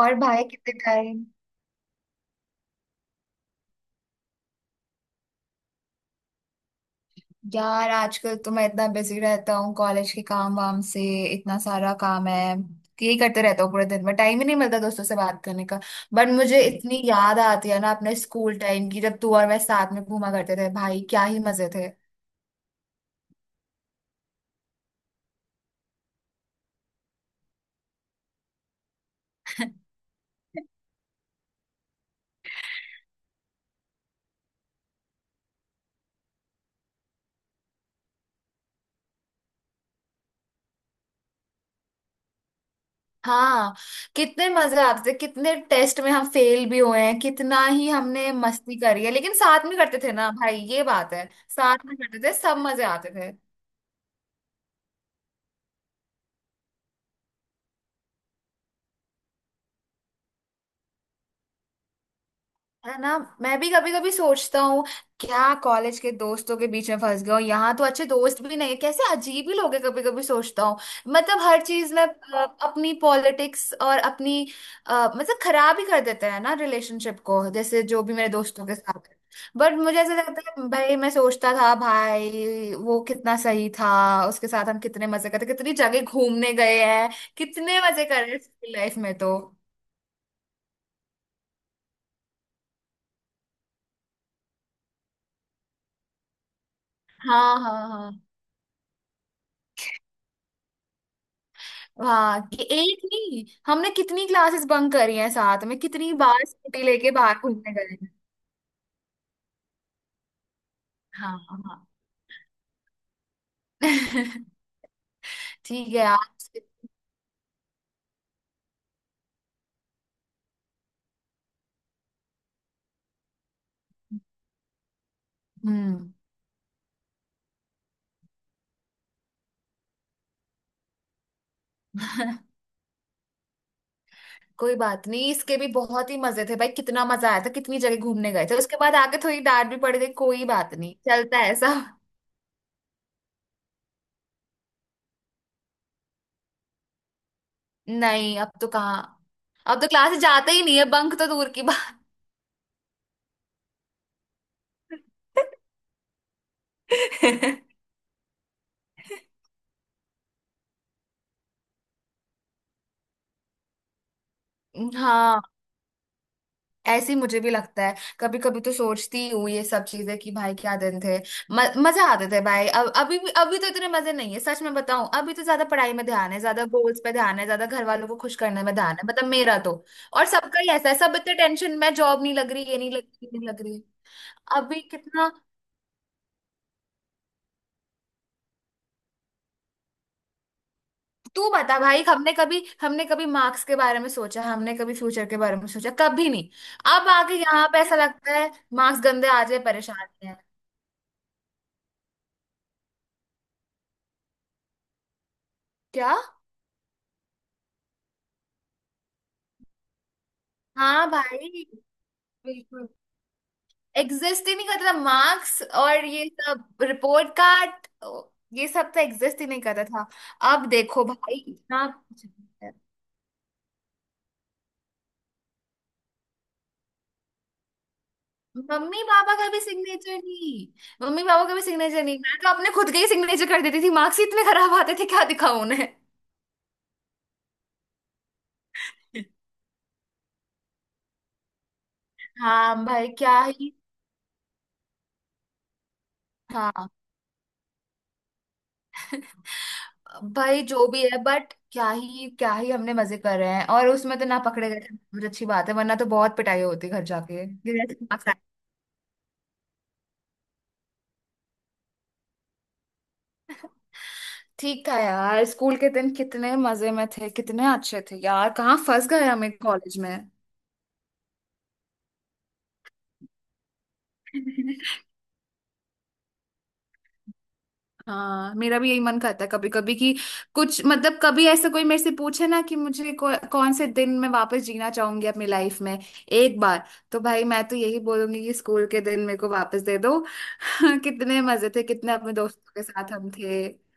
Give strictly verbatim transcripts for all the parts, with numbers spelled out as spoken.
और भाई कितने टाइम। यार आजकल तो मैं इतना बिजी रहता हूँ कॉलेज के काम वाम से। इतना सारा काम है कि यही करते रहता हूँ पूरे दिन। में टाइम ही नहीं मिलता दोस्तों से बात करने का। बट मुझे इतनी याद आती है ना अपने स्कूल टाइम की, जब तू और मैं साथ में घूमा करते थे। भाई क्या ही मजे थे। हाँ, कितने मजे आते थे। कितने टेस्ट में हम फेल भी हुए हैं, कितना ही हमने मस्ती करी है, लेकिन साथ में करते थे ना भाई, ये बात है। साथ में करते थे सब, मजे आते थे। है ना? मैं भी कभी कभी सोचता हूँ, क्या कॉलेज के दोस्तों के बीच में फंस गया हूँ। यहाँ तो अच्छे दोस्त भी नहीं है, कैसे अजीब ही लोग हैं, कभी कभी सोचता हूँ। मतलब हर चीज में अ, अपनी पॉलिटिक्स और अपनी, अ, मतलब खराब ही कर देते हैं ना रिलेशनशिप को, जैसे जो भी मेरे दोस्तों के साथ। बट मुझे ऐसा लगता है भाई, मैं सोचता था भाई वो कितना सही था। उसके साथ हम कितने मजे करते, कितनी जगह घूमने गए हैं। कितने मजे कर रहे हैं लाइफ में तो। हाँ हाँ हाँ। हाँ कि एक नहीं, हमने कितनी क्लासेस बंक करी हैं साथ में, कितनी बार स्कूटी लेके बाहर घूमने गए हैं। हाँ हाँ। ठीक है आज। हम्म। कोई बात नहीं, इसके भी बहुत ही मजे थे भाई। कितना मजा आया था, कितनी जगह घूमने गए थे। उसके बाद आगे थोड़ी डांट भी पड़ गई, कोई बात नहीं, चलता है सब। नहीं, अब तो कहाँ। अब तो क्लासेस जाते ही नहीं है, बंक तो दूर की बात। हाँ हाँ, ऐसे ही मुझे भी लगता है। कभी कभी तो सोचती ही हूँ ये सब चीजें, कि भाई क्या दिन थे। म, मजा आते थे भाई। अब अभी भी, अभी तो इतने मजे नहीं है सच में बताऊं। अभी तो ज्यादा पढ़ाई में ध्यान है, ज्यादा गोल्स पे ध्यान है, ज्यादा घर वालों को खुश करने में ध्यान है, मतलब मेरा तो। और सबका ही ऐसा है, सब इतने टेंशन में, जॉब नहीं लग रही, ये नहीं लग रही, ये नहीं लग रही। अभी कितना। तू बता भाई, हमने कभी, हमने कभी मार्क्स के बारे में सोचा? हमने कभी फ्यूचर के बारे में सोचा? कभी नहीं। अब आके यहाँ पे ऐसा लगता है मार्क्स गंदे आ जाए परेशानी है। क्या? हाँ भाई, बिल्कुल। एग्जिस्ट ही नहीं करता था मार्क्स, और ये सब रिपोर्ट कार्ड ये सब तो एग्जिस्ट ही नहीं करता था। अब देखो भाई इतना कुछ है। मम्मी पापा का भी सिग्नेचर नहीं, मम्मी पापा का भी सिग्नेचर नहीं, मैं तो अपने खुद के ही सिग्नेचर कर देती थी। मार्क्स ही इतने खराब आते थे, क्या दिखाऊं उन्हें। हाँ भाई क्या ही। हाँ भाई जो भी है, बट क्या ही, क्या ही हमने मजे कर रहे हैं। और उसमें तो ना पकड़े गए थे, बहुत अच्छी बात है, वरना तो बहुत पिटाई होती घर जाके। ठीक था यार, स्कूल के दिन कितने मजे में थे, कितने अच्छे थे यार, कहाँ फंस गए हम एक कॉलेज में। हाँ, मेरा भी यही मन करता है कभी कभी कि कुछ, मतलब कभी ऐसा कोई मेरे से पूछे ना कि मुझे कौ, कौन से दिन मैं वापस जीना चाहूंगी अपनी लाइफ में एक बार, तो भाई मैं तो यही बोलूंगी कि स्कूल के दिन मेरे को वापस दे दो। कितने मजे थे, कितने अपने दोस्तों के साथ हम थे।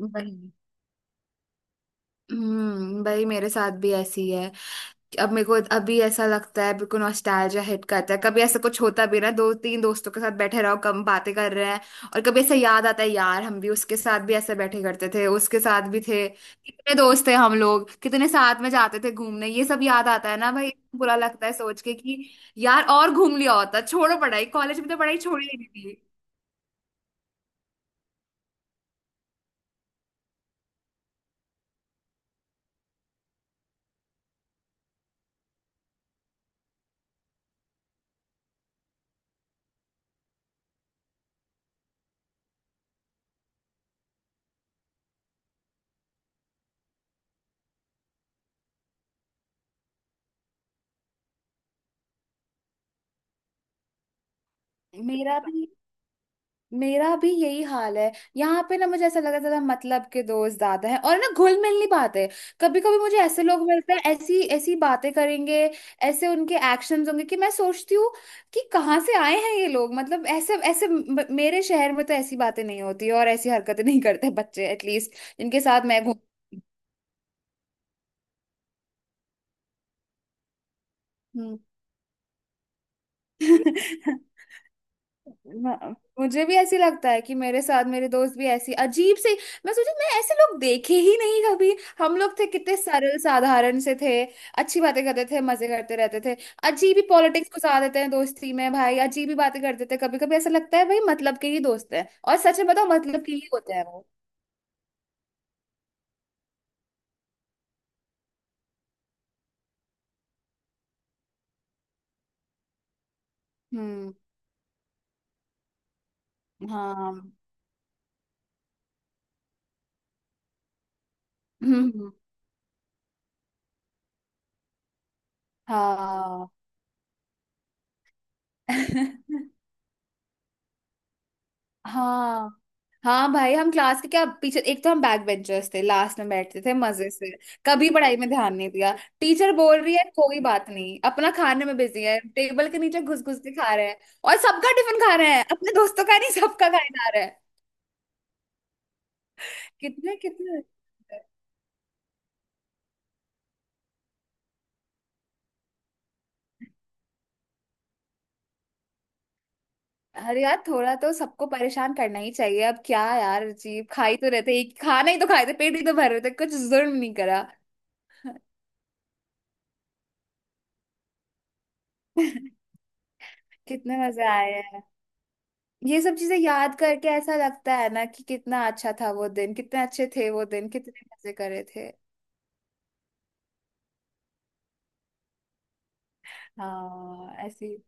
वही। हम्म, भाई मेरे साथ भी ऐसी है। अब मेरे को अभी ऐसा लगता है, बिल्कुल नॉस्टैल्जिया हिट करता है। कभी ऐसा कुछ होता भी ना, दो तीन दोस्तों के साथ बैठे रहो, कम बातें कर रहे हैं। और कभी ऐसा याद आता है, यार हम भी उसके साथ भी ऐसे बैठे करते थे, उसके साथ भी थे, कितने दोस्त थे हम लोग, कितने साथ में जाते थे घूमने, ये सब याद आता है ना भाई, बुरा लगता है सोच के कि यार और घूम लिया होता, छोड़ो पढ़ाई, कॉलेज में तो पढ़ाई छोड़ी ही नहीं थी। मेरा भी मेरा भी यही हाल है। यहाँ पे ना मुझे ऐसा लगा था, मतलब के दोस्त ज्यादा हैं और ना घुल मिल नहीं पाते। कभी कभी मुझे ऐसे लोग मिलते हैं, ऐसी ऐसी बातें करेंगे, ऐसे उनके एक्शंस होंगे कि मैं सोचती हूँ कि कहाँ से आए हैं ये लोग। मतलब ऐसे ऐसे म- मेरे शहर में तो ऐसी बातें नहीं होती और ऐसी हरकतें नहीं करते बच्चे, एटलीस्ट जिनके साथ मैं घूम। हम्म। म- मुझे भी ऐसी लगता है कि मेरे साथ, मेरे दोस्त भी ऐसी अजीब से। मैं सोची मैं ऐसे लोग देखे ही नहीं कभी। हम लोग थे कितने सरल साधारण से थे, अच्छी बातें करते थे, मजे करते रहते थे। अजीब ही पॉलिटिक्स घुसा देते हैं दोस्ती में भाई, अजीब ही बातें करते थे। कभी कभी ऐसा लगता है भाई, मतलब के ही दोस्त हैं, और सच में बताओ मतलब के ही होते हैं वो। हम्म। हाँ। हम्म। हाँ। हाँ। हाँ भाई, हम क्लास के क्या पीछे, एक तो हम बैक बेंचर्स थे, लास्ट में बैठते थे मजे से। कभी पढ़ाई में ध्यान नहीं दिया। टीचर बोल रही है कोई बात नहीं, अपना खाने में बिजी है, टेबल के नीचे घुस घुस के खा रहे हैं। और सबका टिफिन खा रहे हैं, अपने दोस्तों का नहीं, सबका खाए खा रहे हैं। कितने कितने। अरे यार थोड़ा तो सबको परेशान करना ही चाहिए, अब क्या यार अजीब, खा ही तो रहते, एक खाना ही तो खाए थे, पेट ही तो भर रहे थे, कुछ जुर्म नहीं करा। कितने मजे आए। ये सब चीजें याद करके ऐसा लगता है ना कि कितना अच्छा था वो दिन, कितने अच्छे थे वो दिन, कितने मजे करे थे। हाँ ऐसी,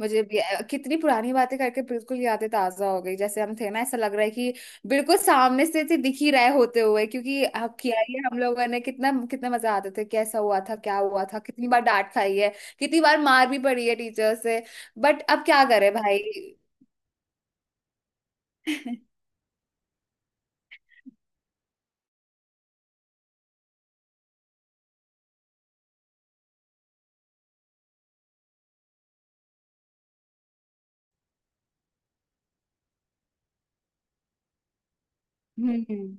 मुझे भी। कितनी पुरानी बातें करके बिल्कुल यादें ताजा हो गई, जैसे हम थे ना, ऐसा लग रहा है कि बिल्कुल सामने से थे, दिख ही रहे होते हुए, क्योंकि अब किया ही है हम लोगों ने कितना, कितना मजा आते थे, कैसा हुआ था, क्या हुआ था, कितनी बार डांट खाई है, कितनी बार मार भी पड़ी है टीचर से, बट अब क्या करे भाई। हम्म।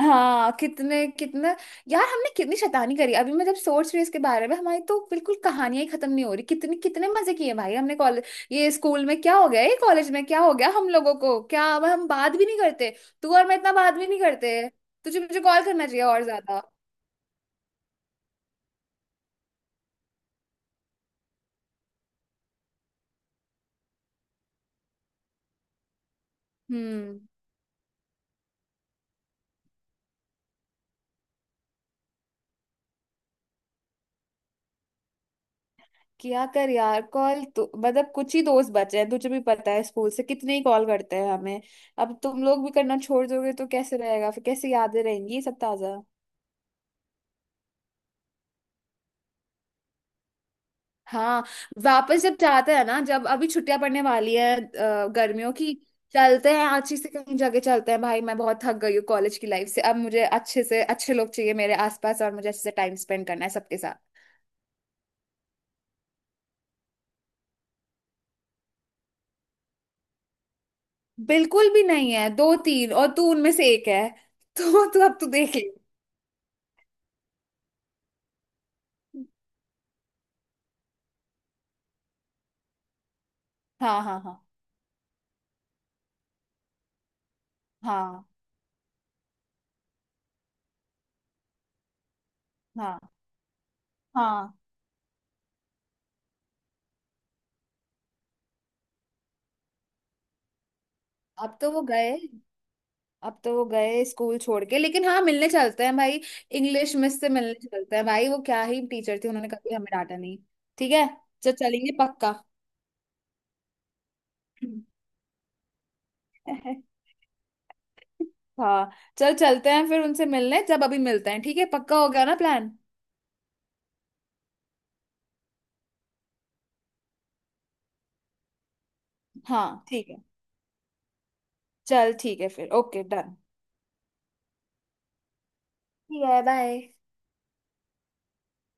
हाँ कितने कितने। यार हमने कितनी शैतानी करी, अभी मैं जब सोच रही हूँ इसके बारे में हमारी तो बिल्कुल कहानियां ही खत्म नहीं हो रही, कितने कितने मजे किए भाई हमने कॉलेज। ये स्कूल में क्या हो गया, ये कॉलेज में क्या हो गया हम लोगों को, क्या अब हम बात भी नहीं करते। तू और मैं इतना बात भी नहीं करते। तुझे मुझे कॉल करना चाहिए और ज्यादा। हम्म। क्या कर यार, कॉल तो मतलब कुछ ही दोस्त बचे हैं, तुझे भी पता है स्कूल से, कितने ही कॉल करते हैं हमें। अब तुम लोग भी करना छोड़ दोगे तो कैसे रहेगा, फिर कैसे यादें रहेंगी ये सब ताजा। हाँ, वापस जब जाते हैं ना, जब अभी छुट्टियां पड़ने वाली है अ, गर्मियों की, चलते हैं अच्छी से कहीं जगह, चलते हैं भाई। मैं बहुत थक गई हूँ कॉलेज की लाइफ से, अब मुझे अच्छे से अच्छे लोग चाहिए मेरे आसपास, और मुझे अच्छे से टाइम स्पेंड करना है सबके साथ। बिल्कुल भी नहीं है, दो तीन, और तू उनमें से एक है। तो तू अब तू देख ले। हाँ हाँ हाँ। हाँ हाँ हाँ। अब तो वो गए, अब तो वो गए स्कूल छोड़ के, लेकिन हाँ मिलने चलते हैं भाई, इंग्लिश मिस से मिलने चलते हैं भाई, वो क्या ही टीचर थी, उन्होंने कभी हमें डांटा नहीं। ठीक है, चल चलेंगे पक्का। हाँ, चल चलते हैं फिर उनसे मिलने, जब अभी मिलते हैं, ठीक है पक्का हो गया ना प्लान। हाँ ठीक है, चल ठीक है फिर, ओके डन। ठीक है बाय।